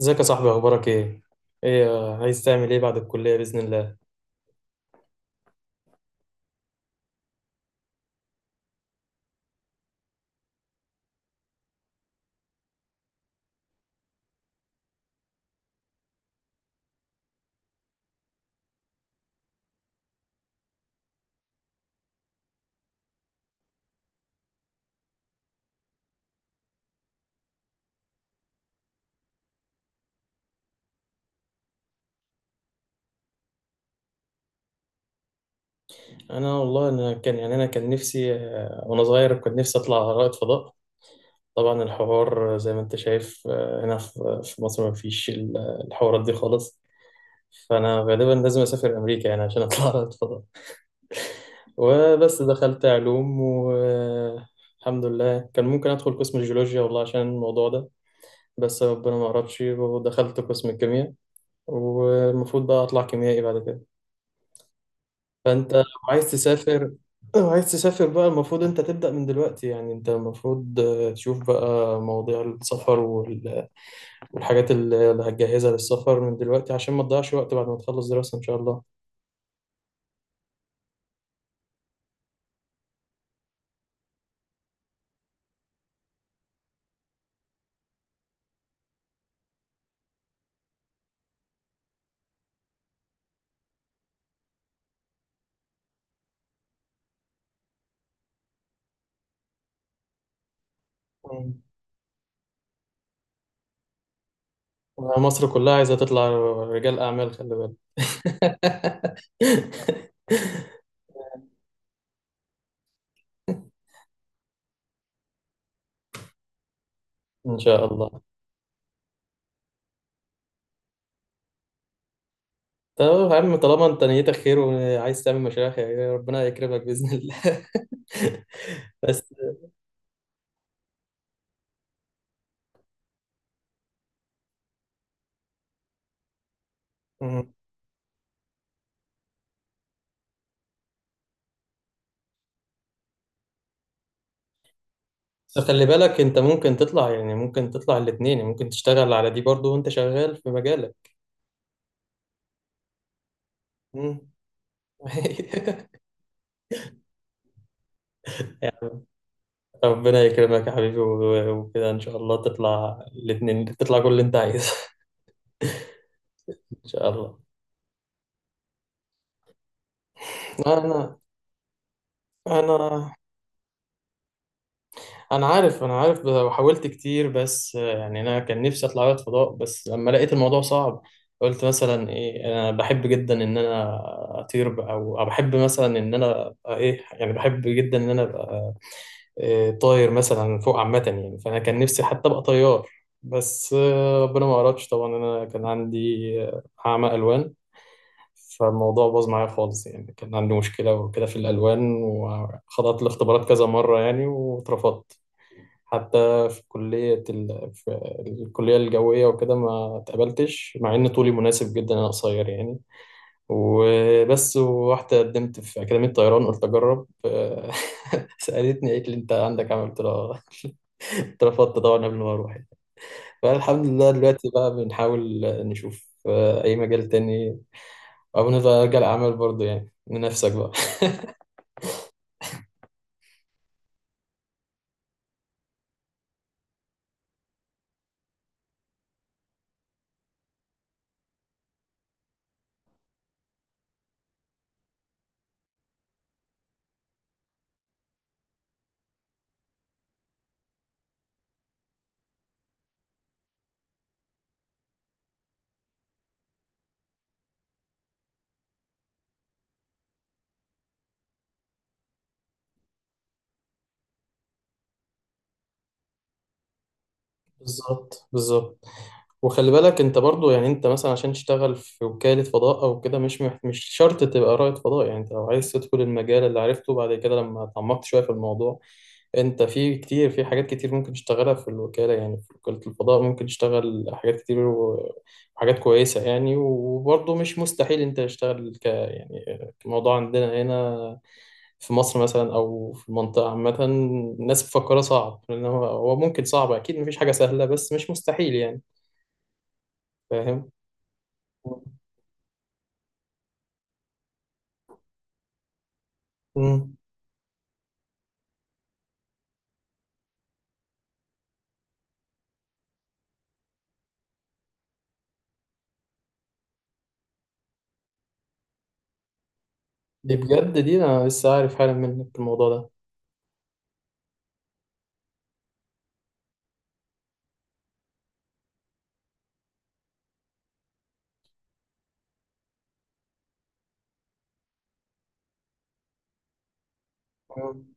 ازيك يا صاحبي، اخبارك ايه؟ ايه عايز تعمل ايه بعد الكليه باذن الله؟ انا والله كان يعني كان نفسي وانا صغير كنت نفسي اطلع رائد فضاء. طبعا الحوار، زي ما انت شايف، هنا في مصر ما فيش الحوارات دي خالص. فانا غالبا لازم اسافر امريكا يعني عشان اطلع رائد فضاء. وبس دخلت علوم والحمد لله، كان ممكن ادخل قسم الجيولوجيا والله عشان الموضوع ده. بس ربنا ما قربش ودخلت قسم الكيمياء. والمفروض بقى اطلع كيميائي بعد كده. فانت لو عايز تسافر لو عايز تسافر بقى المفروض انت تبدأ من دلوقتي، يعني انت المفروض تشوف بقى مواضيع السفر والحاجات اللي هتجهزها للسفر من دلوقتي عشان ما تضيعش وقت بعد ما تخلص دراسة ان شاء الله. مم. مصر كلها عايزة تطلع رجال أعمال، خلي بالك. ان شاء الله. طب يا عم، طالما انت نيتك خير وعايز تعمل مشاريع خيريه، ربنا يكرمك باذن الله. بس. بس خلي بالك، انت ممكن تطلع، يعني ممكن تطلع الاتنين، يعني ممكن تشتغل على دي برضو وانت شغال في مجالك. مم. يعني ربنا يكرمك يا حبيبي، وكده ان شاء الله تطلع الاتنين، تطلع كل اللي انت عايزه. ان شاء الله. انا انا انا عارف وحاولت كتير، بس يعني انا كان نفسي اطلع رائد فضاء بس لما لقيت الموضوع صعب. قلت مثلا ايه، انا بحب جدا ان انا اطير بقى، او بحب مثلا ان انا أبقى ايه، يعني بحب جدا ان انا ابقى طاير مثلا فوق عامة، يعني فأنا كان نفسي حتى أبقى طيار. بس ربنا ما أردش طبعا، أنا كان عندي أعمى ألوان. فالموضوع باظ معايا خالص، يعني كان عندي مشكلة وكده في الألوان، وخضعت لاختبارات كذا مرة يعني واترفضت حتى في كلية في الكلية الجوية وكده، ما اتقبلتش مع إن طولي مناسب جدا، أنا قصير يعني. وبس ورحت قدمت في أكاديمية طيران، قلت أجرب. سألتني قالت لي أنت عندك عمل، قلت لها آه. اترفضت طبعا قبل ما اروح يعني. فالحمد لله دلوقتي بقى بنحاول نشوف اي مجال تاني، او نرجع للعمل برضه يعني من نفسك بقى. بالظبط، بالظبط. وخلي بالك انت برضو، يعني انت مثلا عشان تشتغل في وكالة فضاء او كده، مش مش شرط تبقى رائد فضاء. يعني انت لو عايز تدخل المجال اللي عرفته بعد كده لما اتعمقت شوية في الموضوع، انت في كتير، في حاجات كتير ممكن تشتغلها في الوكالة. يعني في وكالة الفضاء ممكن تشتغل حاجات كتير وحاجات كويسة يعني، وبرضو مش مستحيل انت تشتغل ك يعني. الموضوع عندنا هنا في مصر مثلا او في المنطقه عامه، الناس مفكره صعب، لان هو ممكن صعب اكيد، مفيش حاجه سهله، بس مش مستحيل يعني. فاهم؟ مم. دي بجد دي انا لسه عارف حالا منك الموضوع ده. مم.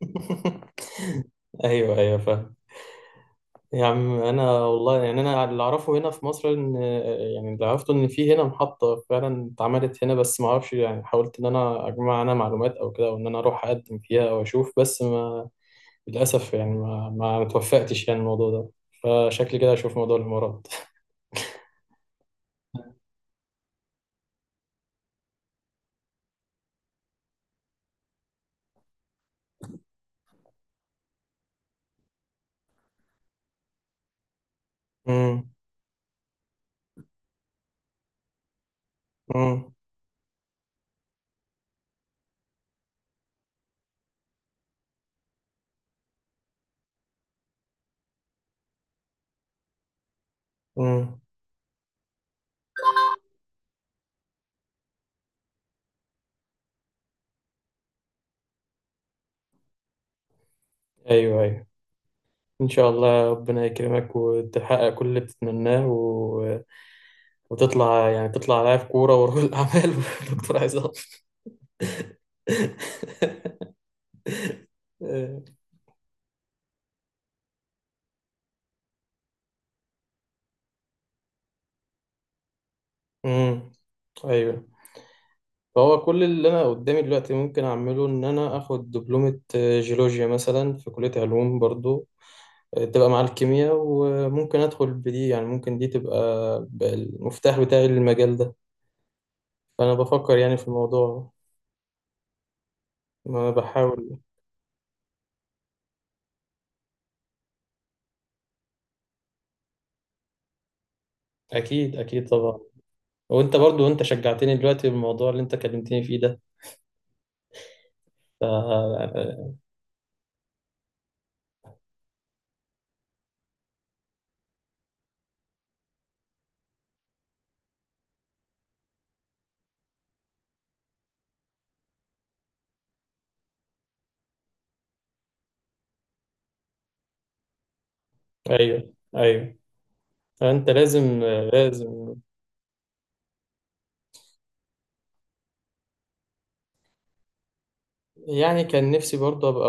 ايوه، ايوه، فاهم. يا عم انا والله يعني، انا اللي اعرفه هنا في مصر ان، يعني اللي عرفته ان في هنا محطه فعلا اتعملت هنا، بس ما اعرفش يعني، حاولت ان انا اجمع انا معلومات او كده، او ان انا اروح اقدم فيها او اشوف، بس ما للأسف يعني ما توفقتش يعني الموضوع ده. فشكلي كده أشوف موضوع الإمارات. امم. امم. امم. أيوه، أيوه، إن شاء الله ربنا يكرمك وتحقق كل اللي بتتمناه، و... وتطلع يعني تطلع لاعب كورة ورجل أعمال ودكتور عظام. امم. أيوه. فهو كل اللي أنا قدامي دلوقتي ممكن أعمله، إن أنا آخد دبلومة جيولوجيا مثلا في كلية علوم برضو، تبقى مع الكيمياء. وممكن أدخل بدي يعني، ممكن دي تبقى المفتاح بتاعي للمجال ده. فأنا بفكر يعني في الموضوع. ما بحاول. أكيد، أكيد طبعا. وأنت برضو، أنت شجعتني دلوقتي بالموضوع اللي أنت كلمتني فيه ده. ف... آه، أيوه، أيوه، فأنت لازم. لازم يعني كان نفسي برضو أبقى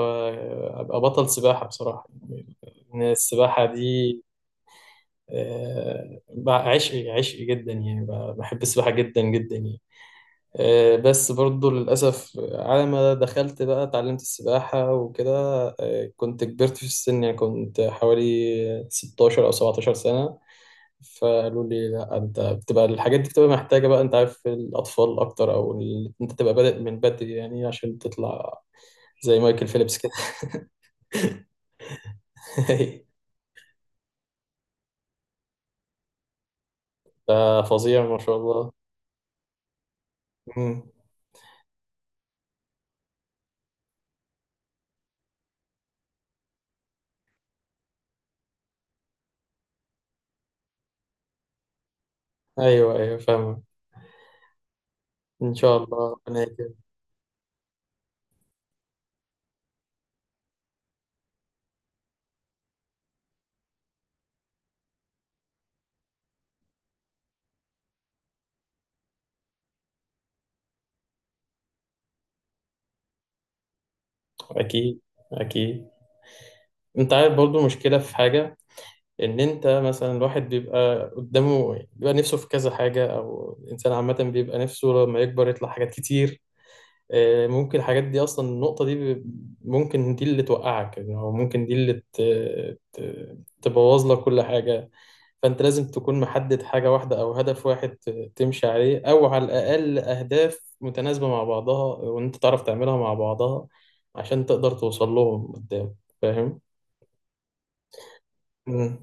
أبقى بطل سباحة بصراحة. إن السباحة دي بقى عشقي، عشقي جدا، يعني بقى بحب السباحة جدا جدا يعني. بس برضو للأسف، على ما دخلت بقى اتعلمت السباحة وكده، كنت كبرت في السن. يعني كنت حوالي 16 أو 17 سنة. فقالوا لي لا، أنت بتبقى الحاجات دي بتبقى محتاجة بقى، أنت عارف، الأطفال أكتر، أو أنت تبقى بادئ من بدري يعني عشان تطلع زي مايكل فيليبس كده. ففظيع ما شاء الله. مم. أيوه، أيوه، فاهمة. إن شاء الله ربنا يكرمك. أكيد، أكيد. أنت عارف برضو مشكلة في حاجة، ان انت مثلا، الواحد بيبقى قدامه، بيبقى نفسه في كذا حاجه، او الانسان عامه بيبقى نفسه لما يكبر يطلع حاجات كتير. ممكن الحاجات دي اصلا، النقطه دي ممكن دي اللي توقعك، يعني هو ممكن دي اللي تبوظ لك كل حاجه. فانت لازم تكون محدد حاجه واحده او هدف واحد تمشي عليه، او على الاقل اهداف متناسبه مع بعضها، وان انت تعرف تعملها مع بعضها عشان تقدر توصل لهم قدام. فاهم؟ مم.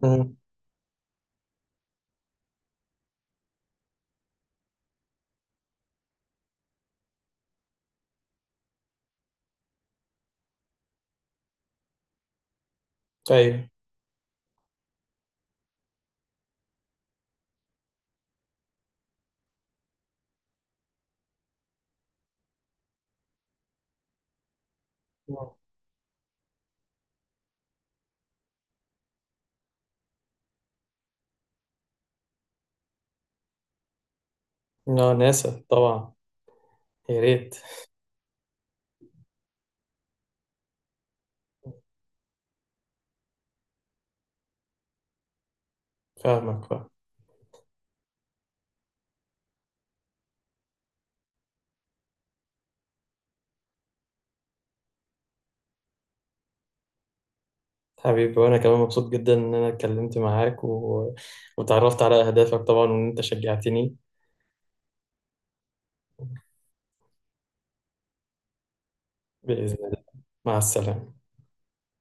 مم. ايوه. لا، ناسا طبعا. يا ريت. فاهمك، فاهم. حبيبي، وانا كمان مبسوط جدا ان انا اتكلمت معاك، وتعرفت على اهدافك طبعا، وان انت شجعتني. باذن الله. مع السلامه.